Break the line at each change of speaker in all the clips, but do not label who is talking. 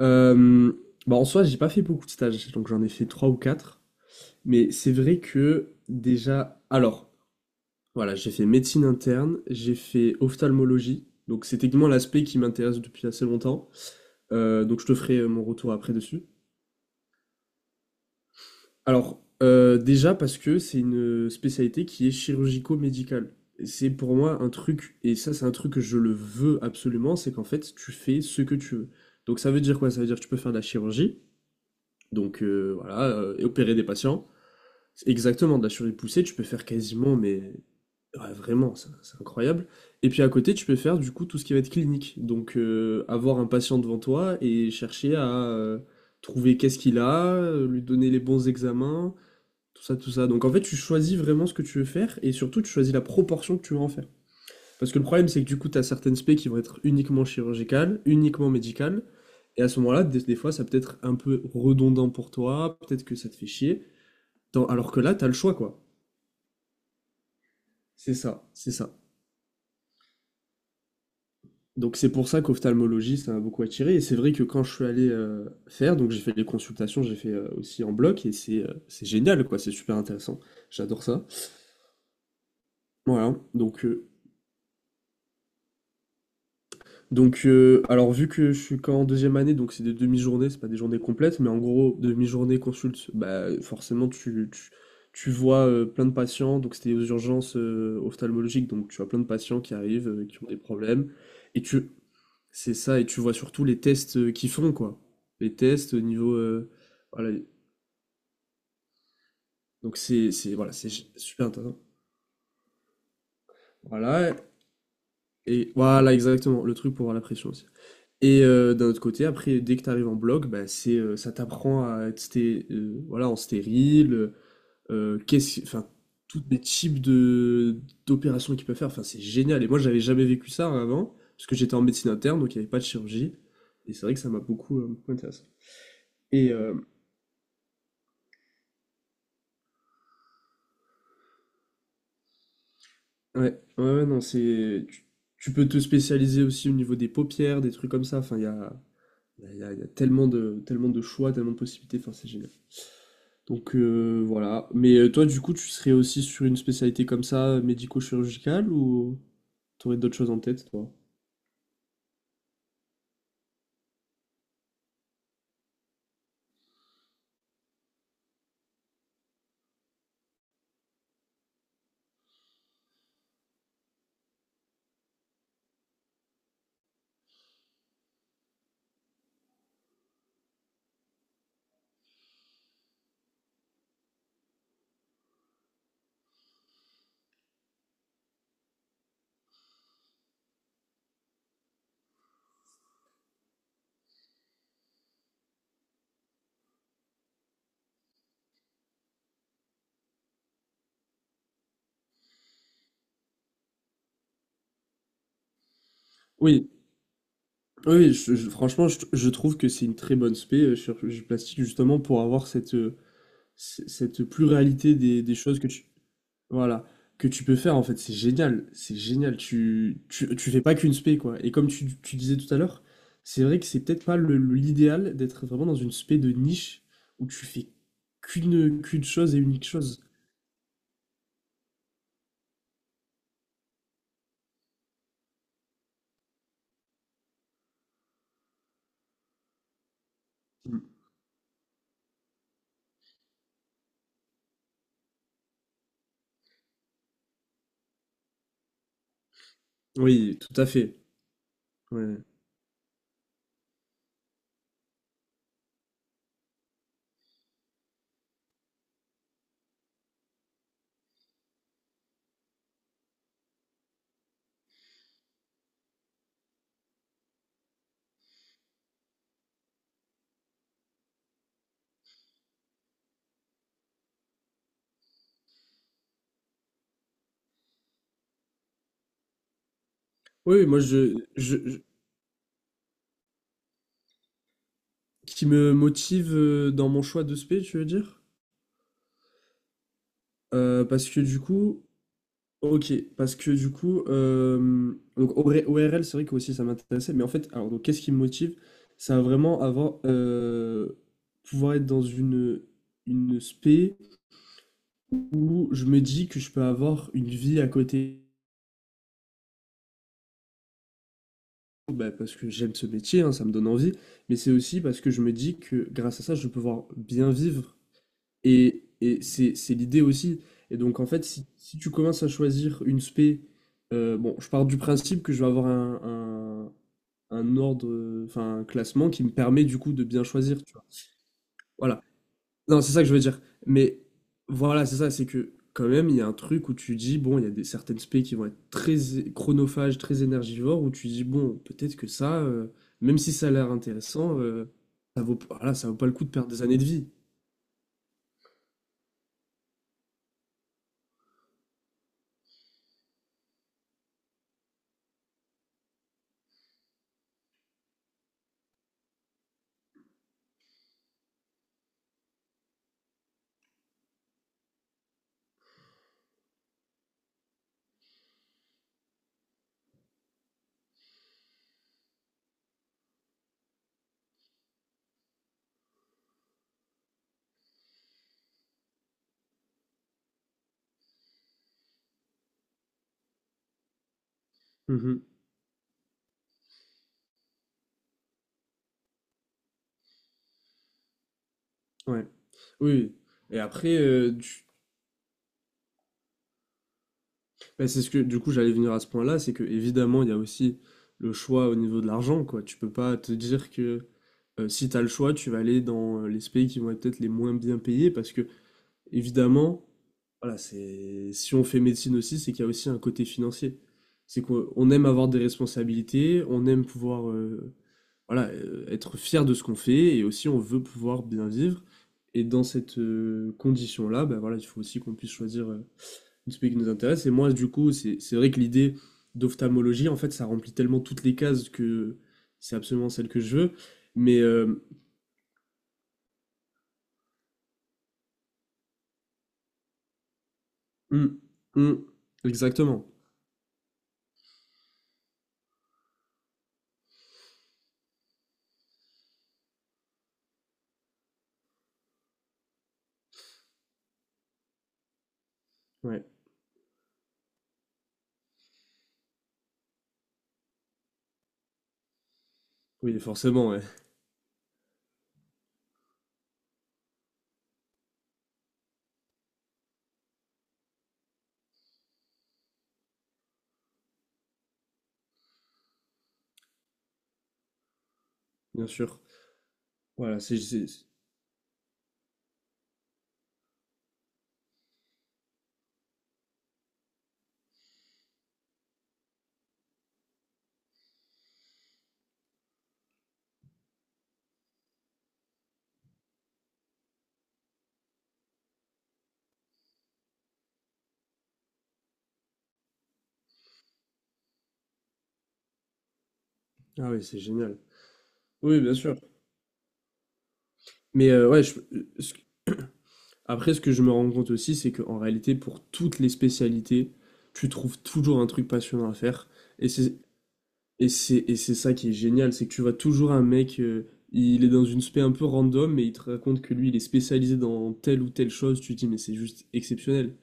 Euh, bah en soi, j'ai pas fait beaucoup de stages, donc j'en ai fait trois ou quatre. Mais c'est vrai que déjà, alors, voilà, j'ai fait médecine interne, j'ai fait ophtalmologie, donc c'est techniquement l'aspect qui m'intéresse depuis assez longtemps. Donc je te ferai mon retour après dessus. Alors, déjà parce que c'est une spécialité qui est chirurgico-médicale. Et c'est pour moi un truc, et ça c'est un truc que je le veux absolument, c'est qu'en fait tu fais ce que tu veux. Donc ça veut dire quoi? Ça veut dire que tu peux faire de la chirurgie. Voilà, et opérer des patients. C'est exactement, de la chirurgie poussée, tu peux faire quasiment, mais ouais, vraiment, c'est incroyable. Et puis à côté, tu peux faire du coup tout ce qui va être clinique. Avoir un patient devant toi et chercher à trouver qu'est-ce qu'il a, lui donner les bons examens, tout ça, tout ça. Donc en fait, tu choisis vraiment ce que tu veux faire et surtout, tu choisis la proportion que tu veux en faire. Parce que le problème, c'est que du coup, tu as certaines spé qui vont être uniquement chirurgicales, uniquement médicales. Et à ce moment-là, des fois, ça peut être un peu redondant pour toi, peut-être que ça te fait chier. Alors que là, tu as le choix, quoi. C'est ça, c'est ça. Donc c'est pour ça qu'ophtalmologie, ça m'a beaucoup attiré. Et c'est vrai que quand je suis allé faire, donc j'ai fait des consultations, j'ai fait aussi en bloc, et c'est génial, quoi. C'est super intéressant. J'adore ça. Voilà. Alors vu que je suis qu'en deuxième année, donc c'est des demi-journées, c'est pas des journées complètes, mais en gros, demi-journée consulte, bah forcément tu vois plein de patients, donc c'était aux urgences ophtalmologiques, donc tu as plein de patients qui arrivent, qui ont des problèmes, et tu, c'est ça, et tu vois surtout les tests qu'ils font, quoi. Les tests au niveau, voilà, voilà, c'est super intéressant. Voilà, et voilà, exactement, le truc pour avoir la pression aussi. Et d'un autre côté, après, dès que tu arrives en bloc, bah, ça t'apprend à être sté voilà, en stérile, qu'est-ce enfin, tous les types de d'opérations qu'ils peuvent faire, enfin, c'est génial et moi, j'avais jamais vécu ça avant, parce que j'étais en médecine interne, donc il y avait pas de chirurgie et c'est vrai que ça m'a beaucoup, beaucoup intéressé et heu, ouais, ouais, ouais, non, c'est tu tu peux te spécialiser aussi au niveau des paupières, des trucs comme ça, enfin, il y a tellement de choix, tellement de possibilités, enfin, c'est génial. Voilà. Toi, du coup, tu serais aussi sur une spécialité comme ça, médico-chirurgicale, ou t'aurais d'autres choses en tête, toi? Oui, oui, oui, franchement, je trouve que c'est une très bonne spé, chirurgie plastique, justement, pour avoir cette, cette pluralité des choses que tu, voilà, que tu peux faire, en fait. C'est génial, c'est génial. Tu fais pas qu'une spé, quoi. Et comme tu disais tout à l'heure, c'est vrai que c'est peut-être pas l'idéal d'être vraiment dans une spé de niche où tu fais qu'une chose et unique chose. Oui, tout à fait. Ouais. Oui, oui, moi qui me motive dans mon choix de spé, tu veux dire? Parce que du coup, Ok, parce que du coup, donc O R O R L, c'est vrai que aussi ça m'intéressait, mais en fait, alors donc qu'est-ce qui me motive? Ça va vraiment avoir pouvoir être dans une spé où je me dis que je peux avoir une vie à côté. Bah, parce que j'aime ce métier, hein, ça me donne envie, mais c'est aussi parce que je me dis que grâce à ça, je peux pouvoir bien vivre. Et c'est l'idée aussi. Et donc, en fait, si tu commences à choisir une spé, bon, je pars du principe que je vais avoir un ordre, enfin, un classement qui me permet du coup de bien choisir, tu vois. Voilà. Non, c'est ça que je veux dire. Mais voilà, c'est ça, c'est que quand même, il y a un truc où tu dis, bon, il y a certaines spé qui vont être chronophages, très énergivores, où tu dis, bon, peut-être que ça, même si ça a l'air intéressant, ça vaut, voilà, ça vaut pas le coup de perdre des années de vie. Ouais. Oui. Oui. Et après, bah, c'est ce que du coup j'allais venir à ce point-là, c'est que évidemment il y a aussi le choix au niveau de l'argent, quoi. Tu peux pas te dire que si tu as le choix, tu vas aller dans les pays qui vont être peut-être les moins bien payés, parce que évidemment, voilà, c'est si on fait médecine aussi, c'est qu'il y a aussi un côté financier. C'est qu'on on aime avoir des responsabilités, on aime pouvoir voilà, être fier de ce qu'on fait, et aussi on veut pouvoir bien vivre. Et dans cette condition-là, ben voilà, il faut aussi qu'on puisse choisir de celui qui nous intéresse. Et moi, du coup, c'est vrai que l'idée d'ophtalmologie, en fait, ça remplit tellement toutes les cases que c'est absolument celle que je veux. Mais euh, hum, hum, exactement. Ouais. Oui, forcément, ouais. Bien sûr. Voilà, ah oui, c'est génial. Oui, bien sûr. Mais euh, ouais, je- euh, ce que- Après, ce que je me rends compte aussi, c'est qu'en réalité, pour toutes les spécialités, tu trouves toujours un truc passionnant à faire. Et c'est Et c'est ça qui est génial, c'est que tu vois toujours un mec, il est dans une spé un peu random, mais il te raconte que lui, il est spécialisé dans telle ou telle chose. Tu te dis, mais c'est juste exceptionnel.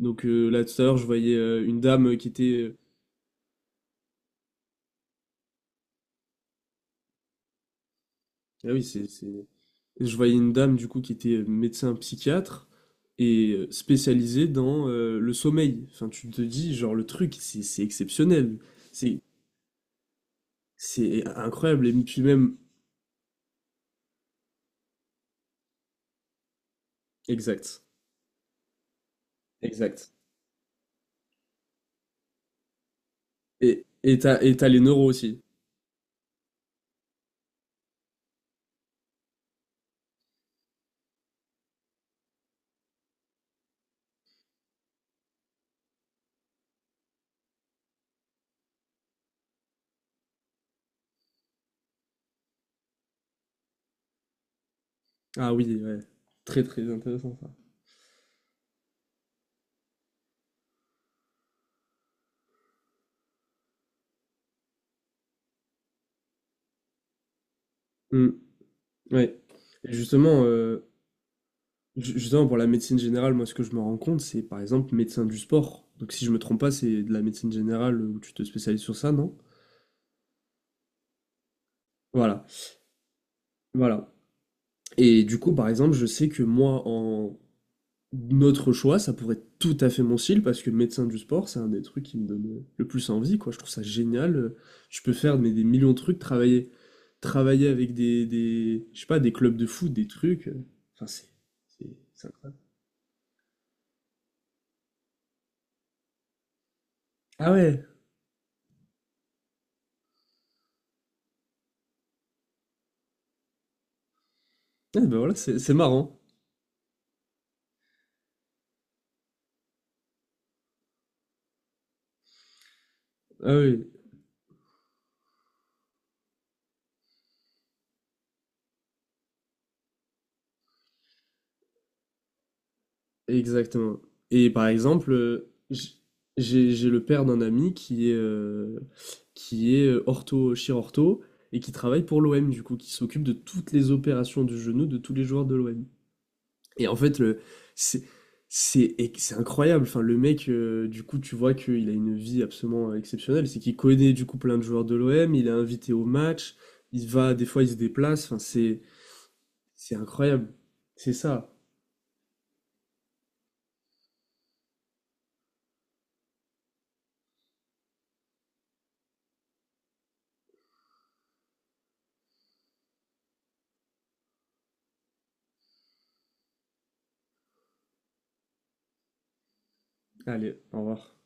Là, tout à l'heure, je voyais une dame qui Ah oui, je voyais une dame, du coup, qui était médecin psychiatre et spécialisée dans le sommeil. Enfin, tu te dis, genre, le truc, c'est exceptionnel. C'est c'est incroyable. Et puis même... Exact. Exact. Et t'as les neuros aussi. Ah oui, ouais. Très très intéressant ça. Mm, ouais. Et justement, justement, pour la médecine générale, moi ce que je me rends compte, c'est par exemple médecin du sport. Donc si je me trompe pas, c'est de la médecine générale où tu te spécialises sur ça, non? Voilà. Voilà. Et du coup, par exemple, je sais que moi, notre choix, ça pourrait être tout à fait mon style, parce que médecin du sport, c'est un des trucs qui me donne le plus envie, quoi. Je trouve ça génial. Je peux faire mais, des millions de trucs, travailler, travailler avec je sais pas, des clubs de foot, des trucs. Enfin, c'est, c'est c'est incroyable. Ah ouais, ah, ben voilà, c'est marrant. Ah oui. Exactement. Et par exemple, j'ai le père d'un ami qui est ortho, chirurgien et qui travaille pour l'OM, du coup, qui s'occupe de toutes les opérations du genou de tous les joueurs de l'OM. Et en fait, c'est, et c'est incroyable. Enfin, le mec, du coup, tu vois qu'il a une vie absolument exceptionnelle. C'est qu'il connaît, du coup, plein de joueurs de l'OM, il est invité au match, il va, des fois, il se déplace. Enfin, c'est incroyable. C'est ça. Allez, au revoir.